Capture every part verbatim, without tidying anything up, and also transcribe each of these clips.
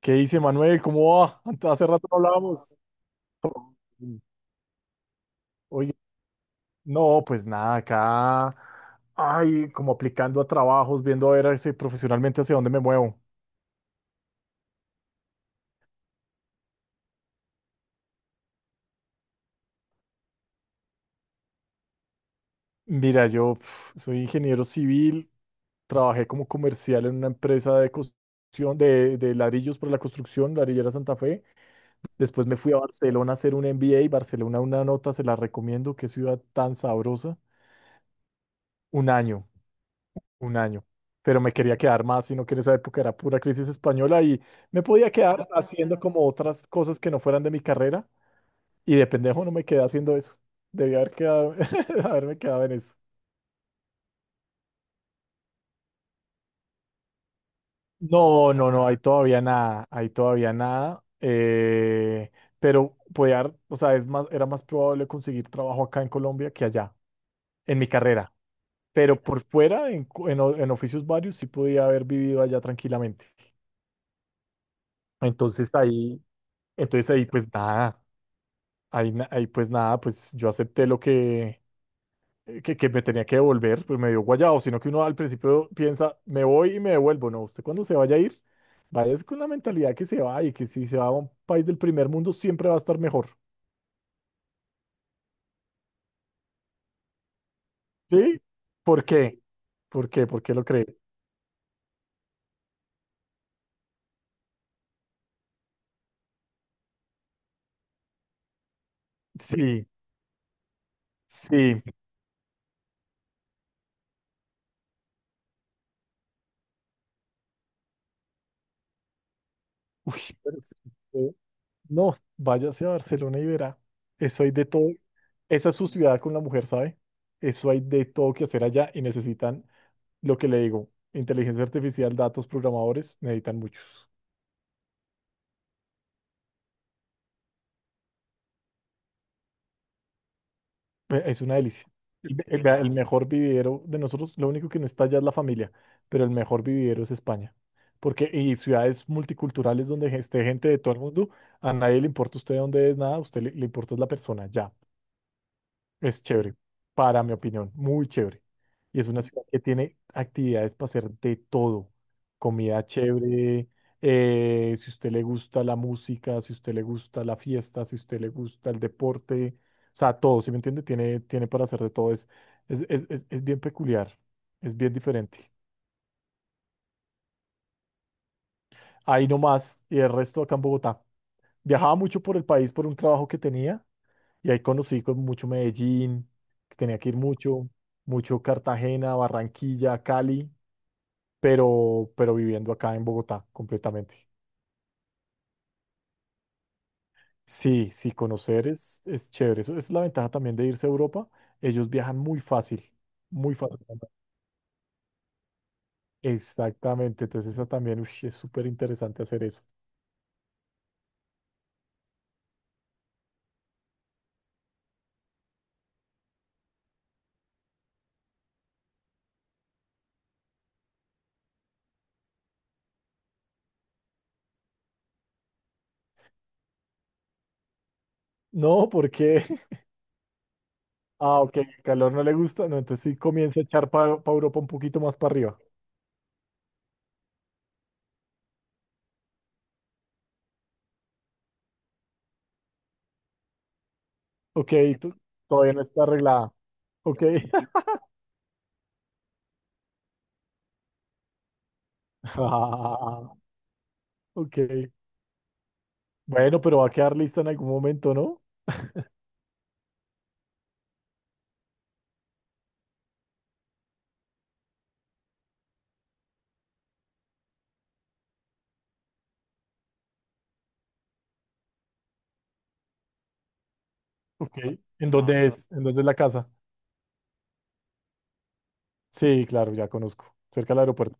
¿Qué dice Manuel? ¿Cómo va? Ante- Hace rato no hablábamos. Oye, no, pues nada, acá, ay, como aplicando a trabajos, viendo a ver hacia- profesionalmente hacia dónde me muevo. Mira, yo pf, soy ingeniero civil, trabajé como comercial en una empresa de construcción, de, de ladrillos para la construcción, Ladrillera Santa Fe. Después me fui a Barcelona a hacer un M B A. Barcelona, una nota, se la recomiendo, qué ciudad tan sabrosa. Un año. Un año. Pero me quería quedar más, sino que en esa época era pura crisis española y me podía quedar haciendo como otras cosas que no fueran de mi carrera. Y de pendejo no me quedé haciendo eso. Debí haber quedado, haberme quedado en eso. No, no, no, hay todavía nada, hay todavía nada. Eh, pero podía, o sea, es más, era más probable conseguir trabajo acá en Colombia que allá, en mi carrera. Pero por fuera, en, cu- en o- en oficios varios, sí podía haber vivido allá tranquilamente. Entonces ahí, entonces ahí, pues nada. Ahí, na- ahí pues nada, pues yo acepté lo que, que, que me tenía que devolver, pues me dio guayado, sino que uno al principio piensa, me voy y me devuelvo, no, usted cuando se vaya a ir, vaya con la mentalidad que se va y que si se va a un país del primer mundo siempre va a estar mejor, ¿sí? ¿Por qué? ¿Por qué? ¿Por qué lo cree? Sí, sí, uy, pero es que- no, váyase a Barcelona y verá, eso hay de todo, esa es su ciudad con la mujer, ¿sabe? Eso hay de todo que hacer allá y necesitan. Lo que le digo, inteligencia artificial, datos, programadores, necesitan muchos. Ve- Es una delicia. El, ve- el- vea, el mejor vividero de nosotros, lo único que no está ya es la familia, pero el mejor vividero es España. Porque y ciudades multiculturales donde ge- esté gente de todo el mundo, a nadie le importa usted dónde es, nada, a usted le, le importa es la persona, ya. Es chévere, para mi opinión, muy chévere. Y es una ciudad que tiene actividades para hacer de todo. Comida chévere, eh, si usted le gusta la música, si usted le gusta la fiesta, si usted le gusta el deporte, o sea, todo, ¿sí me entiende? Tiene, tiene para hacer de todo. Es, es, es, es, es bien peculiar, es bien diferente. Ahí nomás, y el resto acá en Bogotá. Viajaba mucho por el país por un trabajo que tenía. Y ahí conocí con mucho Medellín, que tenía que ir mucho, mucho Cartagena, Barranquilla, Cali, pero, pero viviendo acá en Bogotá completamente. Sí, sí, conocer es, es chévere. Eso es la ventaja también de irse a Europa. Ellos viajan muy fácil, muy fácil. Exactamente, entonces esa también ush, es súper interesante hacer eso. No, porque, ah, ok, el calor no le gusta, no, entonces sí comienza a echar para Europa un poquito más para arriba. Ok, tú- todavía no está arreglada. Ok. Ok. Bueno, pero va a quedar lista en algún momento, ¿no? Ok. ¿En ah, dónde claro. Es? ¿En dónde es la casa? Sí, claro, ya conozco. Cerca del aeropuerto.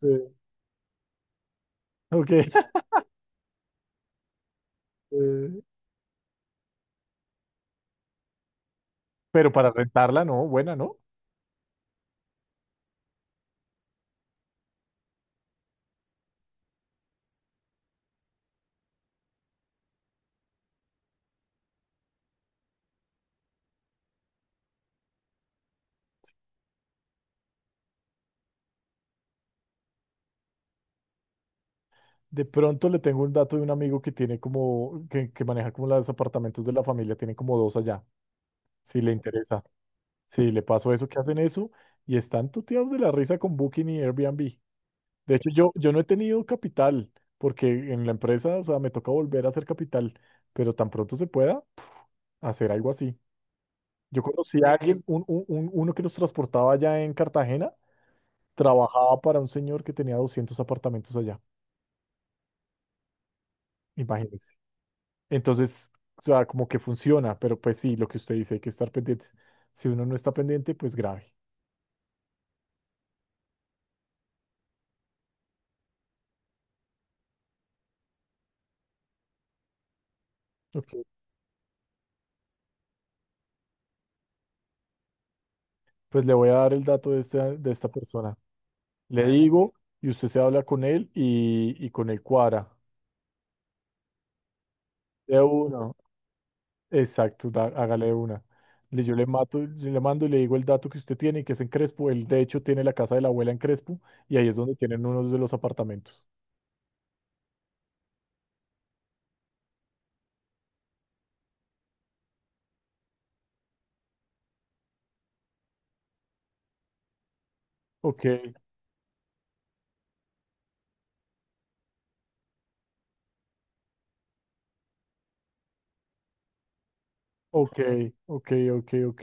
Sí. Ok. Eh, pero para rentarla, no, buena, ¿no? De pronto le tengo un dato de un amigo que tiene como, que, que maneja como los apartamentos de la familia, tiene como dos allá, si le interesa. Sí, le paso eso, que hacen eso y están tuteados de la risa con Booking y Airbnb. De hecho, yo, yo no he tenido capital, porque en la empresa, o sea, me toca volver a hacer capital, pero tan pronto se pueda hacer algo así. Yo conocí a alguien, un- un- un- uno que nos transportaba allá en Cartagena, trabajaba para un señor que tenía doscientos apartamentos allá, imagínense. Entonces, o sea, como que funciona, pero pues sí, lo que usted dice, hay que estar pendientes. Si uno no está pendiente, pues grave. Ok, pues le voy a dar el dato de esta, de esta persona. Le digo y usted se habla con él y, y con él cuadra. De uno. Exacto, da- hágale una. Le- Yo le mato, yo le mando y le digo el dato que usted tiene, que es en Crespo. Él, de hecho, tiene la casa de la abuela en Crespo y ahí es donde tienen unos de los apartamentos. Ok, ok, ok, ok, ok.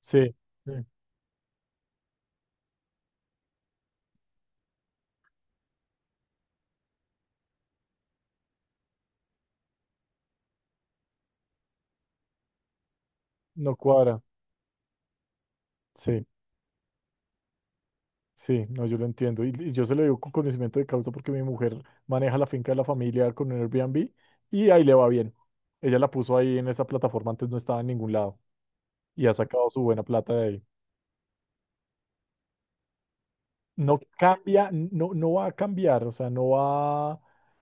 Sí, sí, no cuadra. Sí, sí, no, yo lo entiendo. Y, y yo se lo digo con conocimiento de causa porque mi mujer maneja la finca de la familia con un Airbnb y ahí le va bien. Ella la puso ahí en esa plataforma, antes no estaba en ningún lado y ha sacado su buena plata de ahí. No cambia, no, no va a cambiar, o sea, no va,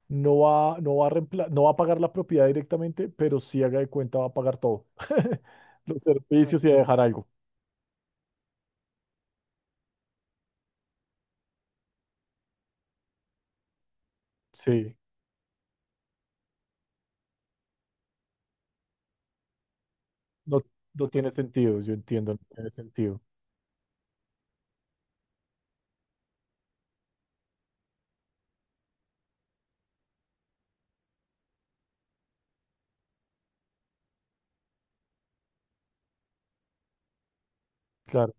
no va, no va a reempla- no va a pagar la propiedad directamente, pero sí haga de cuenta va a pagar todo, los servicios y a dejar algo. Sí, no, no tiene sentido, yo entiendo, no tiene sentido, claro.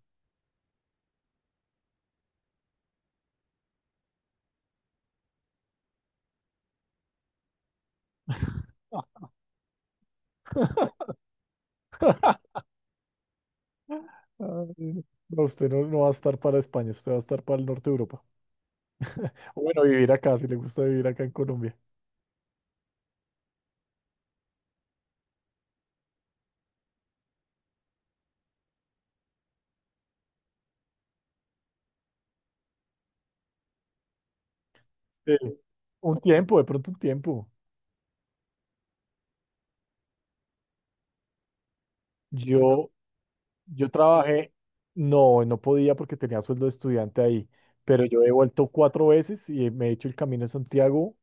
Ay, no, usted no, no va a estar para España, usted va a estar para el norte de Europa. O bueno, vivir acá, si le gusta vivir acá en Colombia. Sí. Un tiempo, de pronto un tiempo. Yo, Yo trabajé, no, no podía porque tenía sueldo de estudiante ahí, pero yo he vuelto cuatro veces y me he hecho el Camino de Santiago,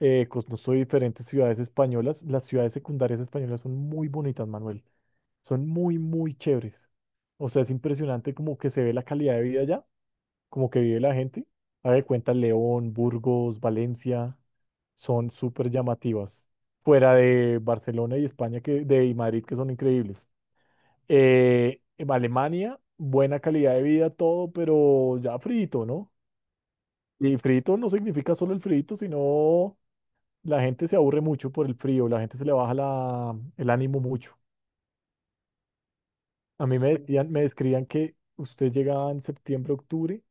eh, conozco diferentes ciudades españolas. Las ciudades secundarias españolas son muy bonitas, Manuel, son muy, muy chéveres. O sea, es impresionante como que se ve la calidad de vida allá, como que vive la gente. Haga de cuenta León, Burgos, Valencia, son súper llamativas. Fuera de Barcelona y España que, de y Madrid, que son increíbles. Eh, en Alemania, buena calidad de vida, todo, pero ya frito, ¿no? Y frito no significa solo el frito, sino la gente se aburre mucho por el frío, la gente se le baja la, el ánimo mucho. A mí me decían, me describían que usted llegaba en septiembre, octubre,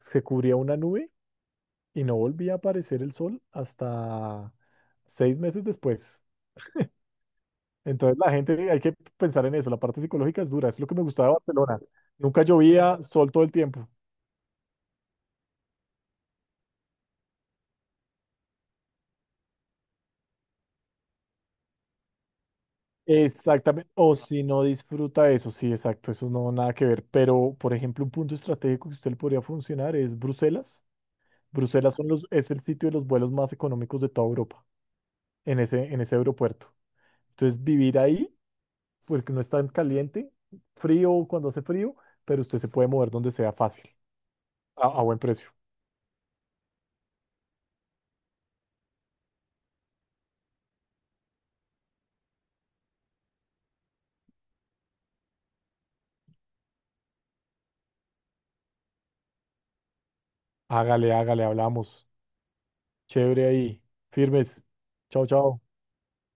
se cubría una nube y no volvía a aparecer el sol hasta seis meses después. Entonces la gente, hay que pensar en eso, la parte psicológica es dura, es lo que me gustaba de Barcelona. Nunca llovía, sol todo el tiempo. Exactamente, o si no disfruta eso, sí, exacto, eso no nada que ver, pero por ejemplo, un punto estratégico que usted le podría funcionar es Bruselas. Bruselas son los, es el sitio de los vuelos más económicos de toda Europa, en ese, en ese aeropuerto. Entonces, vivir ahí, porque no es tan caliente, frío cuando hace frío, pero usted se puede mover donde sea fácil, a, a buen precio. Hágale, hágale, hablamos. Chévere ahí, firmes. Chao, chao.